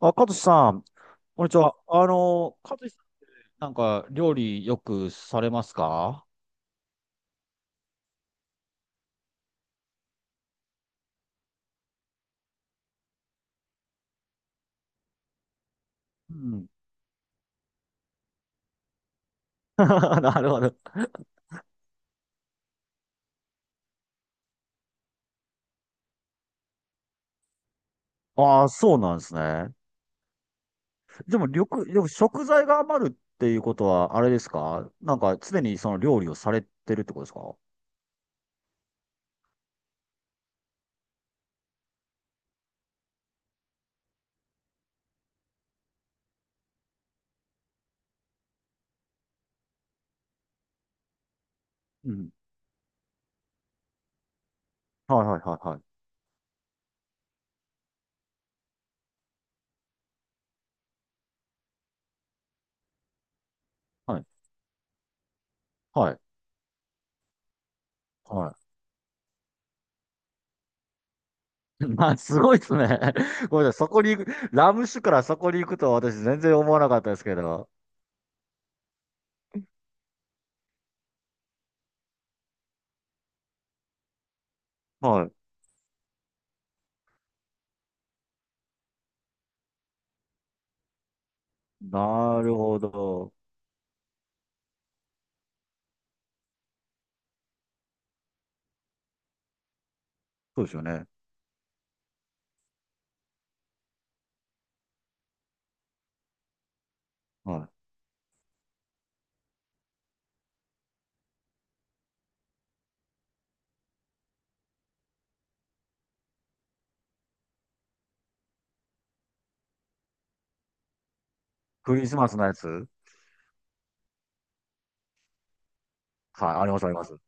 あ、かとしさん、こんにちは。かとしさん、なんか、料理よくされますか？うん。なるほど。ああ、そうなんですね。でも、りょく、でも食材が余るっていうことは、あれですか？なんか、常にその料理をされてるってことですか？うん。はいはいはいはい。はい。はい。はい。まあ、すごいですね。ごめんなさい。そこに行く、ラム酒からそこに行くとは私全然思わなかったですけど。はい。なるほど。そうですよね。はい。クリスマスのやつ？はい、ありますあります。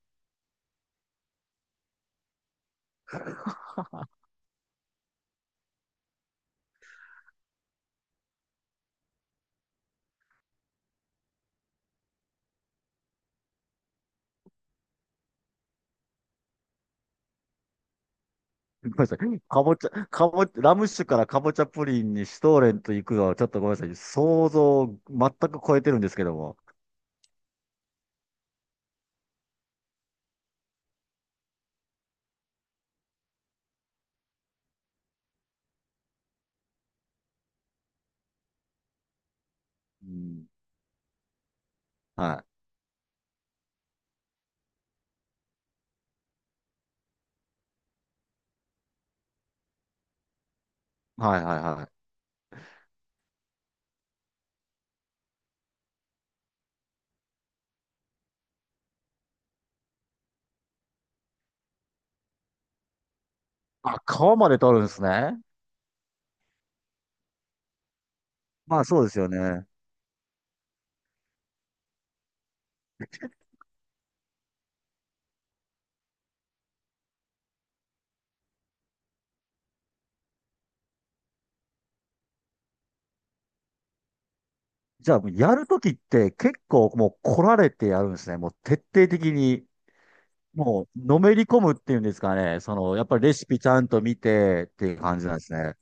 ごめんなさい。かぼちゃ、ラム酒からかぼちゃプリンにシュトーレンと行くのはちょっとごめんなさい。想像を全く超えてるんですけども。うん。はい。はいはいはい。あ、皮まで取るんですね。まあそうですよね。じゃあ、やるときって結構もう来られてやるんですね。もう徹底的に、もうのめり込むっていうんですかね。その、やっぱりレシピちゃんと見てっていう感じなんですね。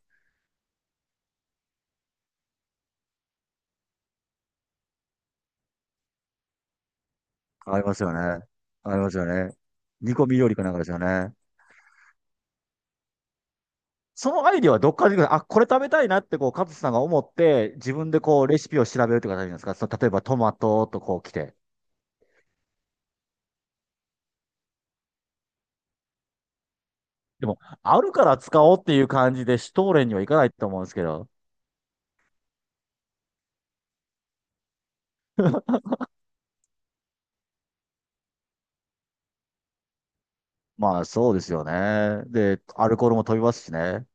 ありますよね。ありますよね。煮込み料理かなんかですよね。そのアイディアはどっから出てくる？あ、これ食べたいなって、こう、カズさんが思って、自分でこう、レシピを調べるって形なんですか？例えばトマトとこう来て。でも、あるから使おうっていう感じで、シュトーレンにはいかないと思うんですけど。まあ、そうですよね。で、アルコールも飛びますしね。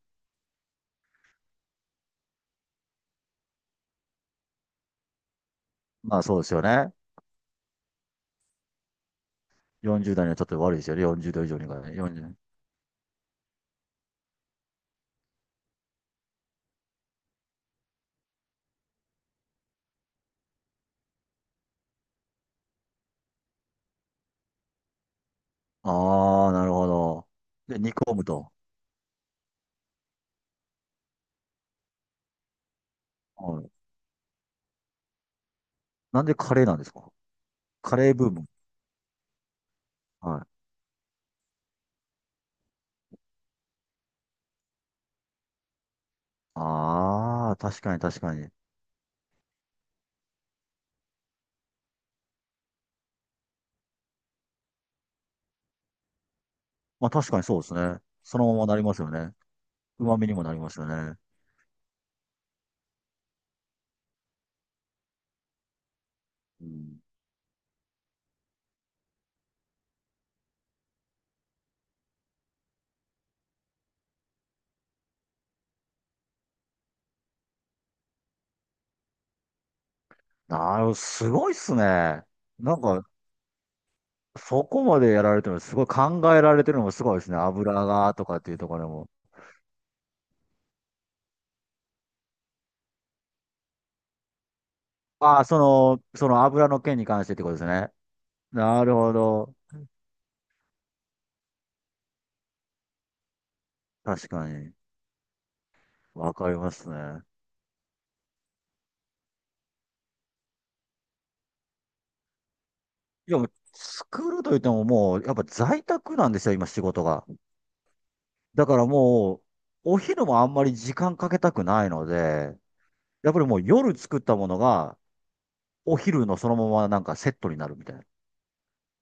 まあ、そうですよね。40代にはちょっと悪いですよね。40度以上にかね。40。ああ、なるほど。で、煮込むと。はい。なんでカレーなんですか？カレーブーム。はい。ああ、確かに確かに。まあ確かにそうですね。そのままなりますよね。旨味にもなりますよね。うん。すごいっすね。なんか、そこまでやられてるの、すごい考えられてるのもすごいですね。油がとかっていうところも。ああ、その油の件に関してってことですね。なるほど。確かに。わかりますね。いや、もう作るといってももう、やっぱ在宅なんですよ、今仕事が。だからもう、お昼もあんまり時間かけたくないので、やっぱりもう夜作ったものが、お昼のそのままなんかセットになるみたいな。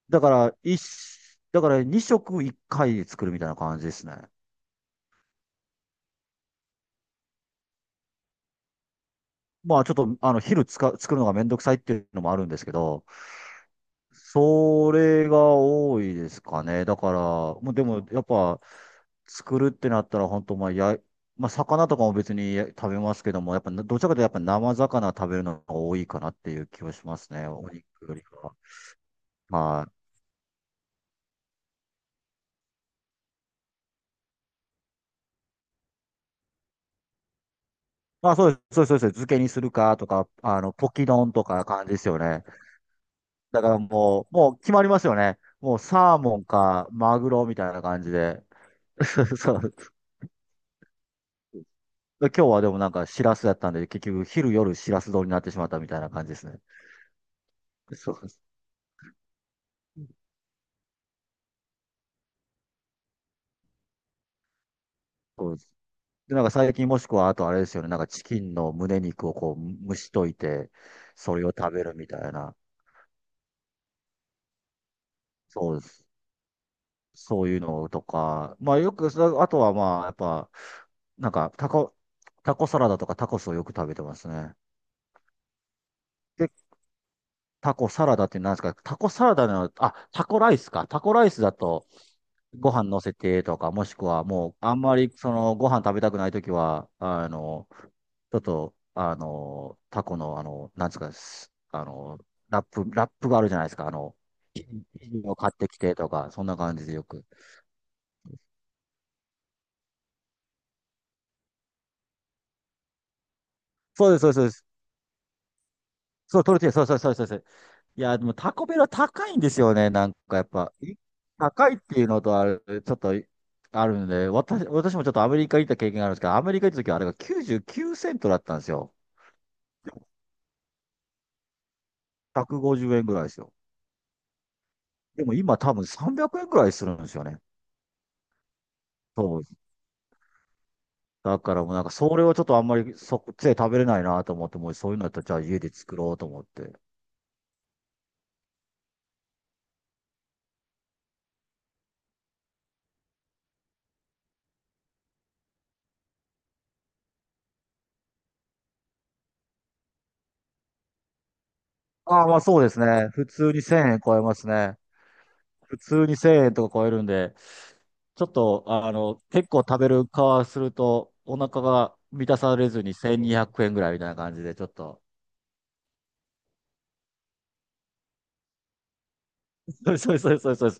だから、一、だから2食1回作るみたいな感じですね。まあちょっと、昼つか、作るのがめんどくさいっていうのもあるんですけど、それが多いですかね。だから、もうでもやっぱ、作るってなったら本当、まあ、魚とかも別に食べますけども、やっぱ、どちらかというとやっぱ生魚食べるのが多いかなっていう気はしますね。お肉よりかは。はああ、そうです、そうです、そうです。漬けにするかとか、ポキ丼とか感じですよね。だからもう決まりますよね。もうサーモンかマグロみたいな感じで。そう。今日はでもなんかシラスだったんで、結局昼夜シラス丼になってしまったみたいな感じですね。そうです。そうです。で、なんか最近もしくはあとあれですよね。なんかチキンの胸肉をこう蒸しといて、それを食べるみたいな。そうです。そういうのとか、まあよく、あとはまあ、やっぱ、なんか、タコサラダとかタコスをよく食べてますね。で、タコサラダって何ですか？タコサラダの、あ、タコライスか。タコライスだと、ご飯乗せてとか、もしくはもう、あんまり、ご飯食べたくないときは、ちょっと、タコの、なんですか、すあの、ラップがあるじゃないですか。生地を買ってきてとか、そんな感じでよく。そうです、そうです、そうです。そう、トルティーヤ、そうそうそうそうそう。いや、でもタコベルは高いんですよね。なんかやっぱ、高いっていうのとちょっとあるんで、私もちょっとアメリカ行った経験があるんですけど、アメリカ行った時はあれが99セントだったんですよ。でも150円ぐらいですよ。でも今多分300円ぐらいするんですよね。そう。だからもうなんかそれをちょっとあんまりそっちで食べれないなと思って、もうそういうのだったらじゃあ家で作ろうと思って。ああ、まあそうですね。普通に1000円超えますね。普通に1000円とか超えるんで、ちょっと、結構食べる側すると、お腹が満たされずに1200円ぐらいみたいな感じで、ちょっと、そうそうそうそうそう。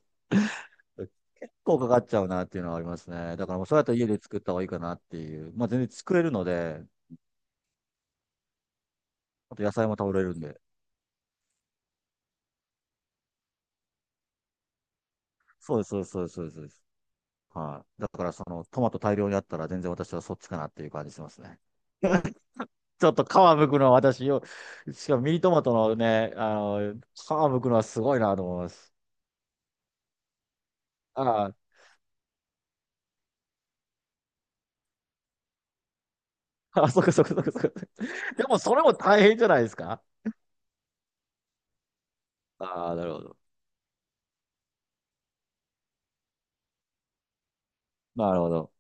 結構かかっちゃうなっていうのはありますね。だからもうそうやったら家で作った方がいいかなっていう。まあ全然作れるので、あと野菜も食べれるんで。そうです、そうです、そうです、そうです。そうです。はい。だからそのトマト大量にあったら全然私はそっちかなっていう感じしますね。ちょっと皮むくのは私よ、しかもミニトマトのね、皮むくのはすごいなと思います。ああ、あ、そっかそっかそっかそっか。でもそれも大変じゃないですか。ああ、なるほど。なるほど。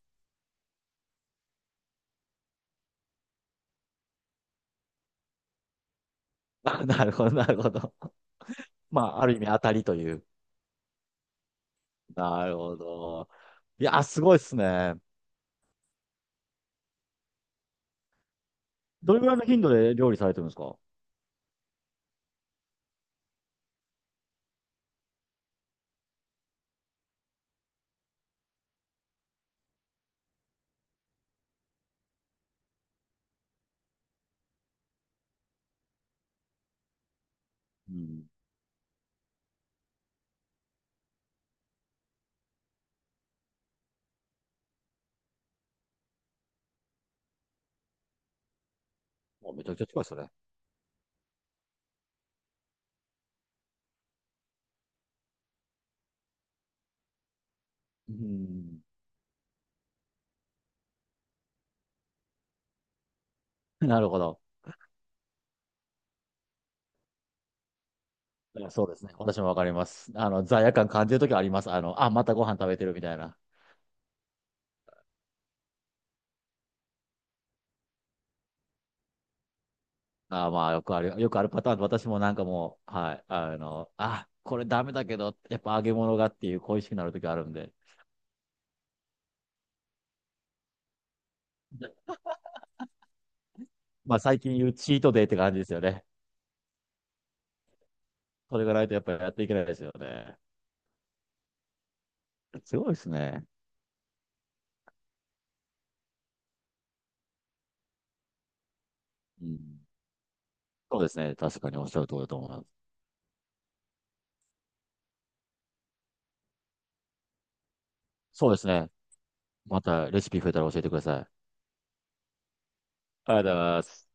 あ、なるほど、なるほど。まあ、ある意味当たりという。なるほど。いや、すごいっすね。どれぐらいの頻度で料理されてるんですか？うん。もうめちゃくちゃ近いっすね。うん。なるほど。いやそうですね。私もわかります。罪悪感感じるときあります。あ、またご飯食べてるみたいな。あーまあ、よくあるパターンで、私もなんかもう、はい、あ、これダメだけど、やっぱ揚げ物がっていう恋しくなる時あるんで、でまあ最近言うチートデイって感じですよね。それがないとやっぱりやっていけないですよね。すごいですね。うん。そうですね。確かにおっしゃる通りだと思います。そうですね。またレシピ増えたら教えてください。ありがとうございます。